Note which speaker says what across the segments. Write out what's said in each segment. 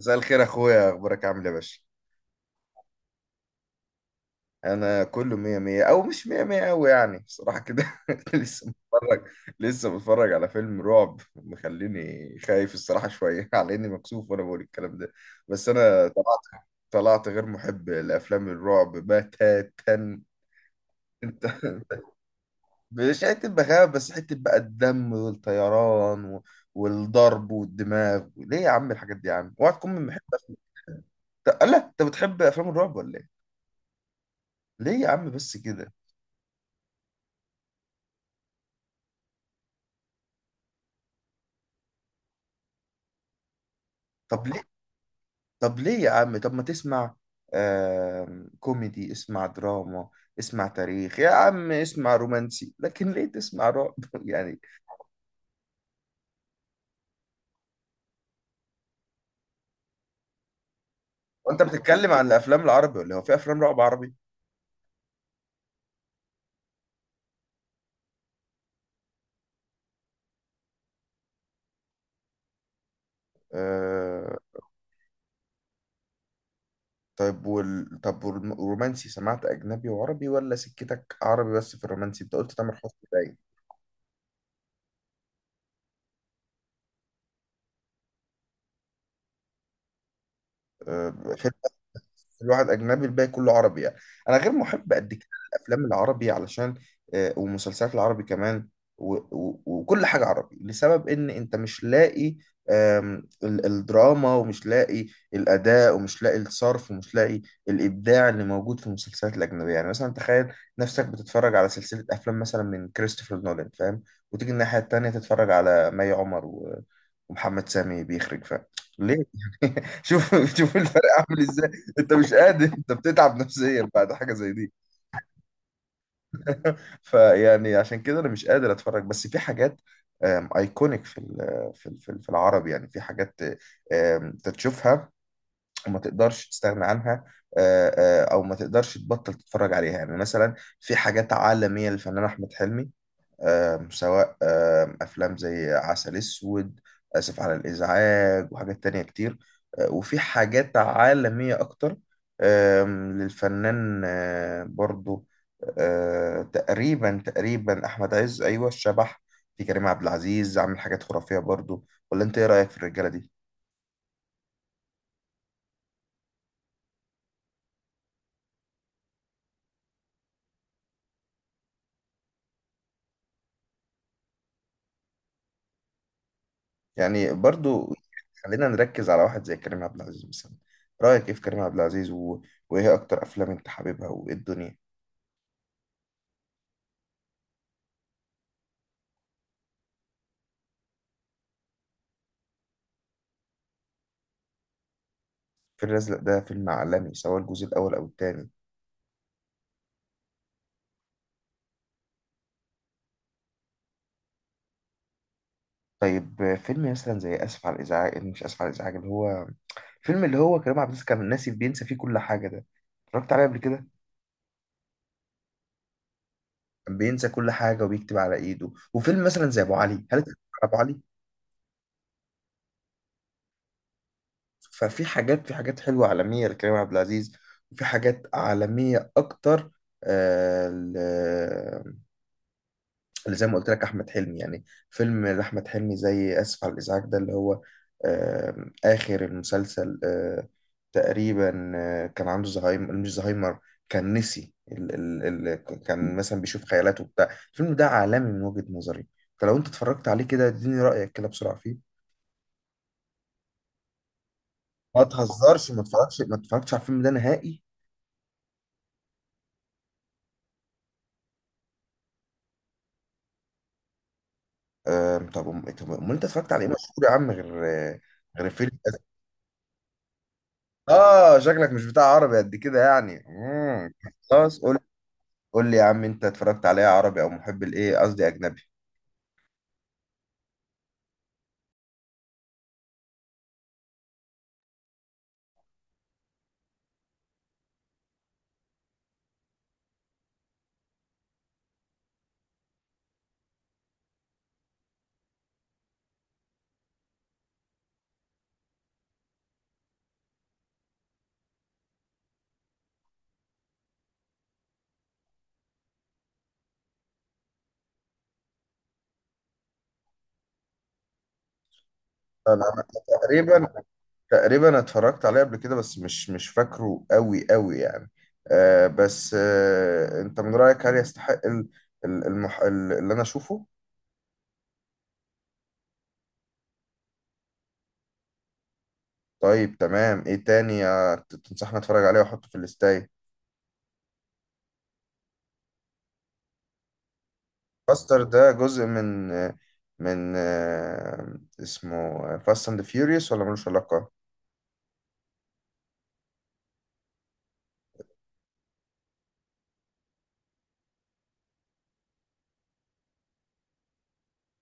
Speaker 1: مساء الخير اخويا، اخبارك عامل ايه يا باشا؟ انا كله مية مية، او مش مية مية اوي يعني بصراحة كده. لسه متفرج لسه متفرج على فيلم رعب مخليني خايف الصراحة شوية، على اني مكسوف وانا بقول الكلام ده. بس انا طلعت غير محب لافلام الرعب بتاتا. انت مش حتة بخاف، بس حتة بقى الدم والطيران والضرب والدماغ. ليه يا عم الحاجات دي يا عم؟ اوعى تكون من محب لا انت بتحب افلام الرعب ولا ايه؟ ليه يا عم بس كده؟ طب ليه طب ليه يا عم، طب ما تسمع كوميدي، اسمع دراما، اسمع تاريخ يا عم، اسمع رومانسي، لكن ليه تسمع رعب يعني؟ وانت بتتكلم عن الافلام العربي ولا إيه؟ هو في افلام رعب عربي؟ آه. طيب طب والرومانسي، سمعت اجنبي وعربي ولا سكتك عربي بس في الرومانسي؟ انت قلت تامر حسني باين. آه. الواحد اجنبي، الباقي كله عربي يعني. انا غير محب قد كده الافلام العربي، علشان ومسلسلات العربي كمان، وكل حاجه عربي لسبب ان انت مش لاقي الدراما، ومش لاقي الاداء، ومش لاقي الصرف، ومش لاقي الابداع اللي موجود في المسلسلات الاجنبيه. يعني مثلا تخيل نفسك بتتفرج على سلسله افلام مثلا من كريستوفر نولان، فاهم، وتيجي الناحيه التانيه تتفرج على ومحمد سامي بيخرج، فاهم؟ ليه؟ شوف شوف الفرق عامل ازاي. انت مش قادر، انت بتتعب نفسيا بعد حاجه زي دي. فيعني عشان كده انا مش قادر اتفرج. بس في حاجات ايكونيك في العرب، يعني في حاجات تشوفها وما تقدرش تستغنى عنها، او ما تقدرش تبطل تتفرج عليها. يعني مثلا في حاجات عالميه للفنان احمد حلمي، سواء أفلام زي عسل أسود، آسف على الإزعاج، وحاجات تانية كتير. وفي حاجات عالمية أكتر للفنان برضو تقريبا تقريبا أحمد عز، أيوة، الشبح. في كريم عبد العزيز عامل حاجات خرافية برضو، ولا أنت إيه رأيك في الرجالة دي؟ يعني برضو خلينا نركز على واحد زي كريم عبد العزيز مثلا، رأيك إيه في كريم عبد العزيز وإيه أكتر أفلام أنت حاببها وإيه الدنيا؟ الفيل الأزرق ده فيلم عالمي سواء الجزء الأول أو التاني. طيب فيلم مثلا زي آسف على الإزعاج، مش آسف على الإزعاج، اللي هو فيلم اللي هو كريم عبد العزيز كان ناسي، بينسى فيه كل حاجة ده، اتفرجت عليه قبل كده؟ كان بينسى كل حاجة وبيكتب على إيده. وفيلم مثلا زي أبو علي، هل اتفرجت على أبو علي؟ ففي حاجات في حاجات حلوة عالمية لكريم عبد العزيز. وفي حاجات عالمية أكتر آه، ل- اللي زي ما قلت لك احمد حلمي. يعني فيلم لاحمد حلمي زي اسف على الازعاج ده، اللي هو اخر المسلسل تقريبا كان عنده زهايمر، مش زهايمر، كان نسي ال ال ال كان مثلا بيشوف خيالاته وبتاع. الفيلم ده عالمي من وجهة نظري، فلو انت اتفرجت عليه كده اديني رايك كده بسرعه فيه. ما تهزرش، ما اتفرجتش على الفيلم ده نهائي؟ طب امال انت اتفرجت على ايه مشهور يا عم، غير غير فيلم؟ اه شكلك مش بتاع عربي قد كده يعني. خلاص قول. قول لي يا عم، انت اتفرجت عليها عربي او محب الايه، قصدي اجنبي؟ انا تقريبا تقريبا اتفرجت عليه قبل كده، بس مش فاكره قوي قوي يعني. آه، بس آه، انت من رايك هل يستحق اللي انا اشوفه؟ طيب تمام، ايه تاني تنصحني اتفرج عليه واحطه في الاستاي؟ فاستر ده جزء من اسمه فاست اند فيوريوس ولا ملوش علاقة؟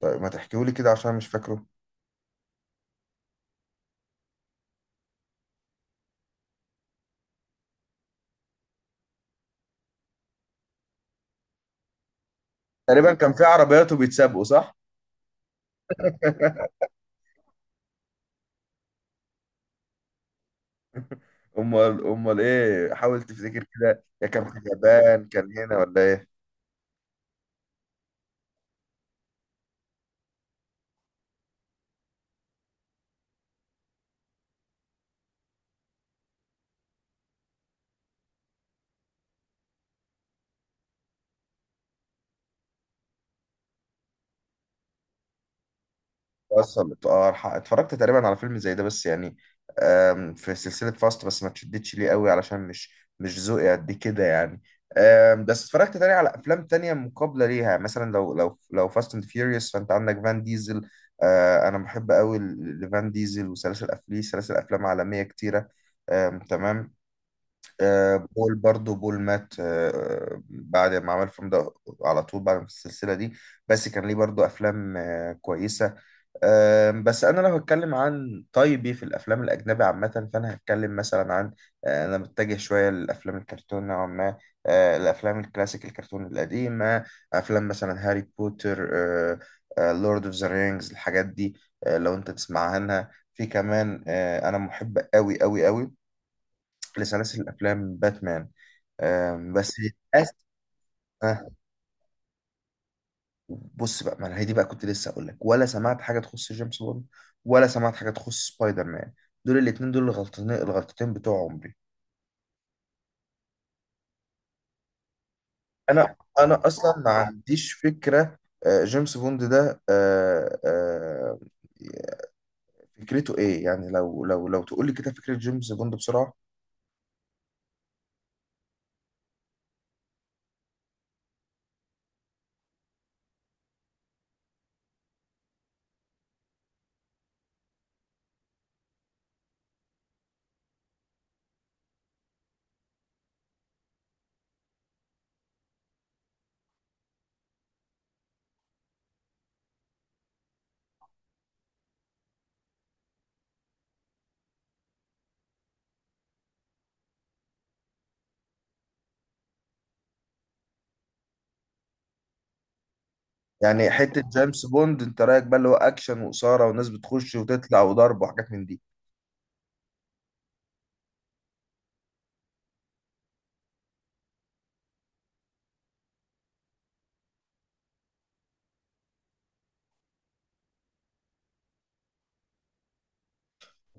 Speaker 1: طيب ما تحكيهولي كده عشان مش فاكره. تقريبا كان في عربيات وبيتسابقوا، صح؟ امال ايه، حاول تفتكر كده، يا كان في اليابان، كان هنا ولا ايه؟ وصل. اه اتفرجت تقريبا على فيلم زي ده بس يعني في سلسلة فاست، بس ما تشدتش ليه قوي علشان مش ذوقي قد كده يعني. بس اتفرجت تاني على افلام تانية مقابلة ليها. مثلا لو فاست اند فيوريوس، فانت عندك فان ديزل. انا بحب قوي لفان ديزل وسلاسل ليه سلاسل افلام عالمية كتيرة تمام. بول، برضو بول مات بعد ما عمل الفيلم ده على طول، بعد ما السلسلة دي، بس كان ليه برضو أفلام كويسة. بس أنا لو هتكلم عن طيبي في الأفلام الأجنبي عامة، فأنا هتكلم مثلا عن أنا متجه شوية للأفلام الكرتون نوعا ما، الأفلام الكلاسيك الكرتون القديمة، أفلام مثلا هاري بوتر، لورد أوف ذا رينجز، الحاجات دي. لو أنت تسمع عنها، في كمان أنا محب أوي أوي أوي لسلاسل الأفلام باتمان بس للأسف. آه، بص بقى، ما أنا هي دي بقى كنت لسه اقول لك. ولا سمعت حاجه تخص جيمس بوند؟ ولا سمعت حاجه تخص سبايدر مان؟ دول الاثنين دول الغلطتين بتوع عمري. انا اصلا ما عنديش فكره. جيمس بوند ده فكرته ايه يعني، لو تقول لي كده فكره جيمس بوند بسرعه؟ يعني حته جيمس بوند انت رايك بقى اللي هو اكشن واثاره وناس بتخش وتطلع وضرب وحاجات من دي؟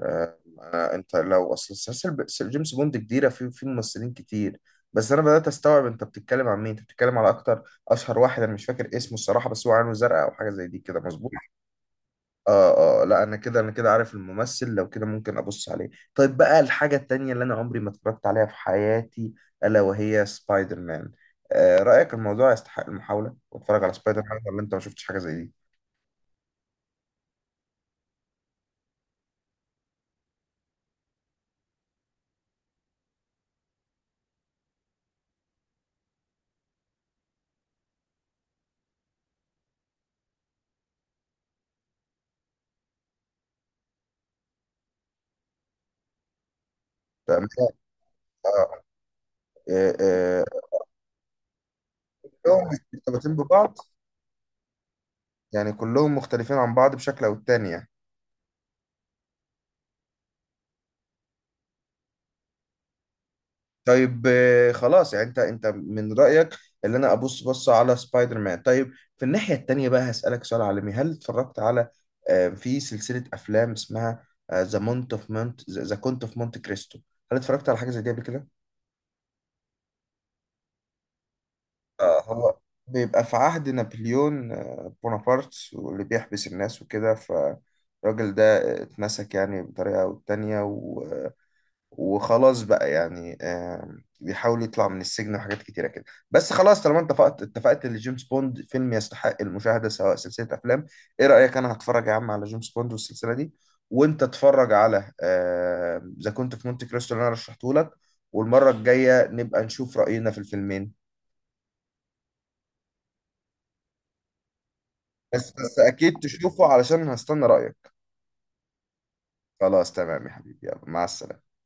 Speaker 1: انت لو اصل سلسلة جيمس بوند كبيره، في ممثلين كتير. بس انا بدات استوعب انت بتتكلم عن مين. انت بتتكلم على اكتر اشهر واحد، انا مش فاكر اسمه الصراحه، بس هو عينه زرقاء او حاجه زي دي كده، مظبوط؟ اه، اه، لا انا كده، انا كده عارف الممثل، لو كده ممكن ابص عليه. طيب بقى الحاجه التانية اللي انا عمري ما اتفرجت عليها في حياتي، الا وهي سبايدر مان. آه، رايك الموضوع يستحق المحاوله واتفرج على سبايدر مان، ولا انت ما شفتش حاجه زي دي؟ تمام. آه، آه، آه، كلهم مرتبطين ببعض، يعني كلهم مختلفين عن بعض بشكل او التاني يعني. طيب خلاص يعني انت من رأيك اللي انا ابص بصة على سبايدر مان. طيب في الناحية التانية بقى هسألك سؤال عالمي، هل اتفرجت على في سلسلة افلام اسمها ذا كونت اوف مونت كريستو؟ هل اتفرجت على حاجة زي دي قبل كده؟ هو بيبقى في عهد نابليون بونابرت، واللي بيحبس الناس وكده. فالراجل ده اتمسك يعني بطريقة أو التانية وخلاص بقى يعني بيحاول يطلع من السجن، وحاجات كتيرة كده. بس خلاص طالما انت اتفقت ان جيمس بوند فيلم يستحق المشاهدة سواء سلسلة أفلام، إيه رأيك؟ أنا هتفرج يا عم على جيمس بوند والسلسلة دي، وأنت اتفرج على ذا كنت في مونتي كريستو اللي أنا رشحته لك، والمرة الجاية نبقى نشوف رأينا في الفيلمين. بس اكيد تشوفه علشان هستنى رأيك. خلاص تمام يا حبيبي، يلا مع السلامة.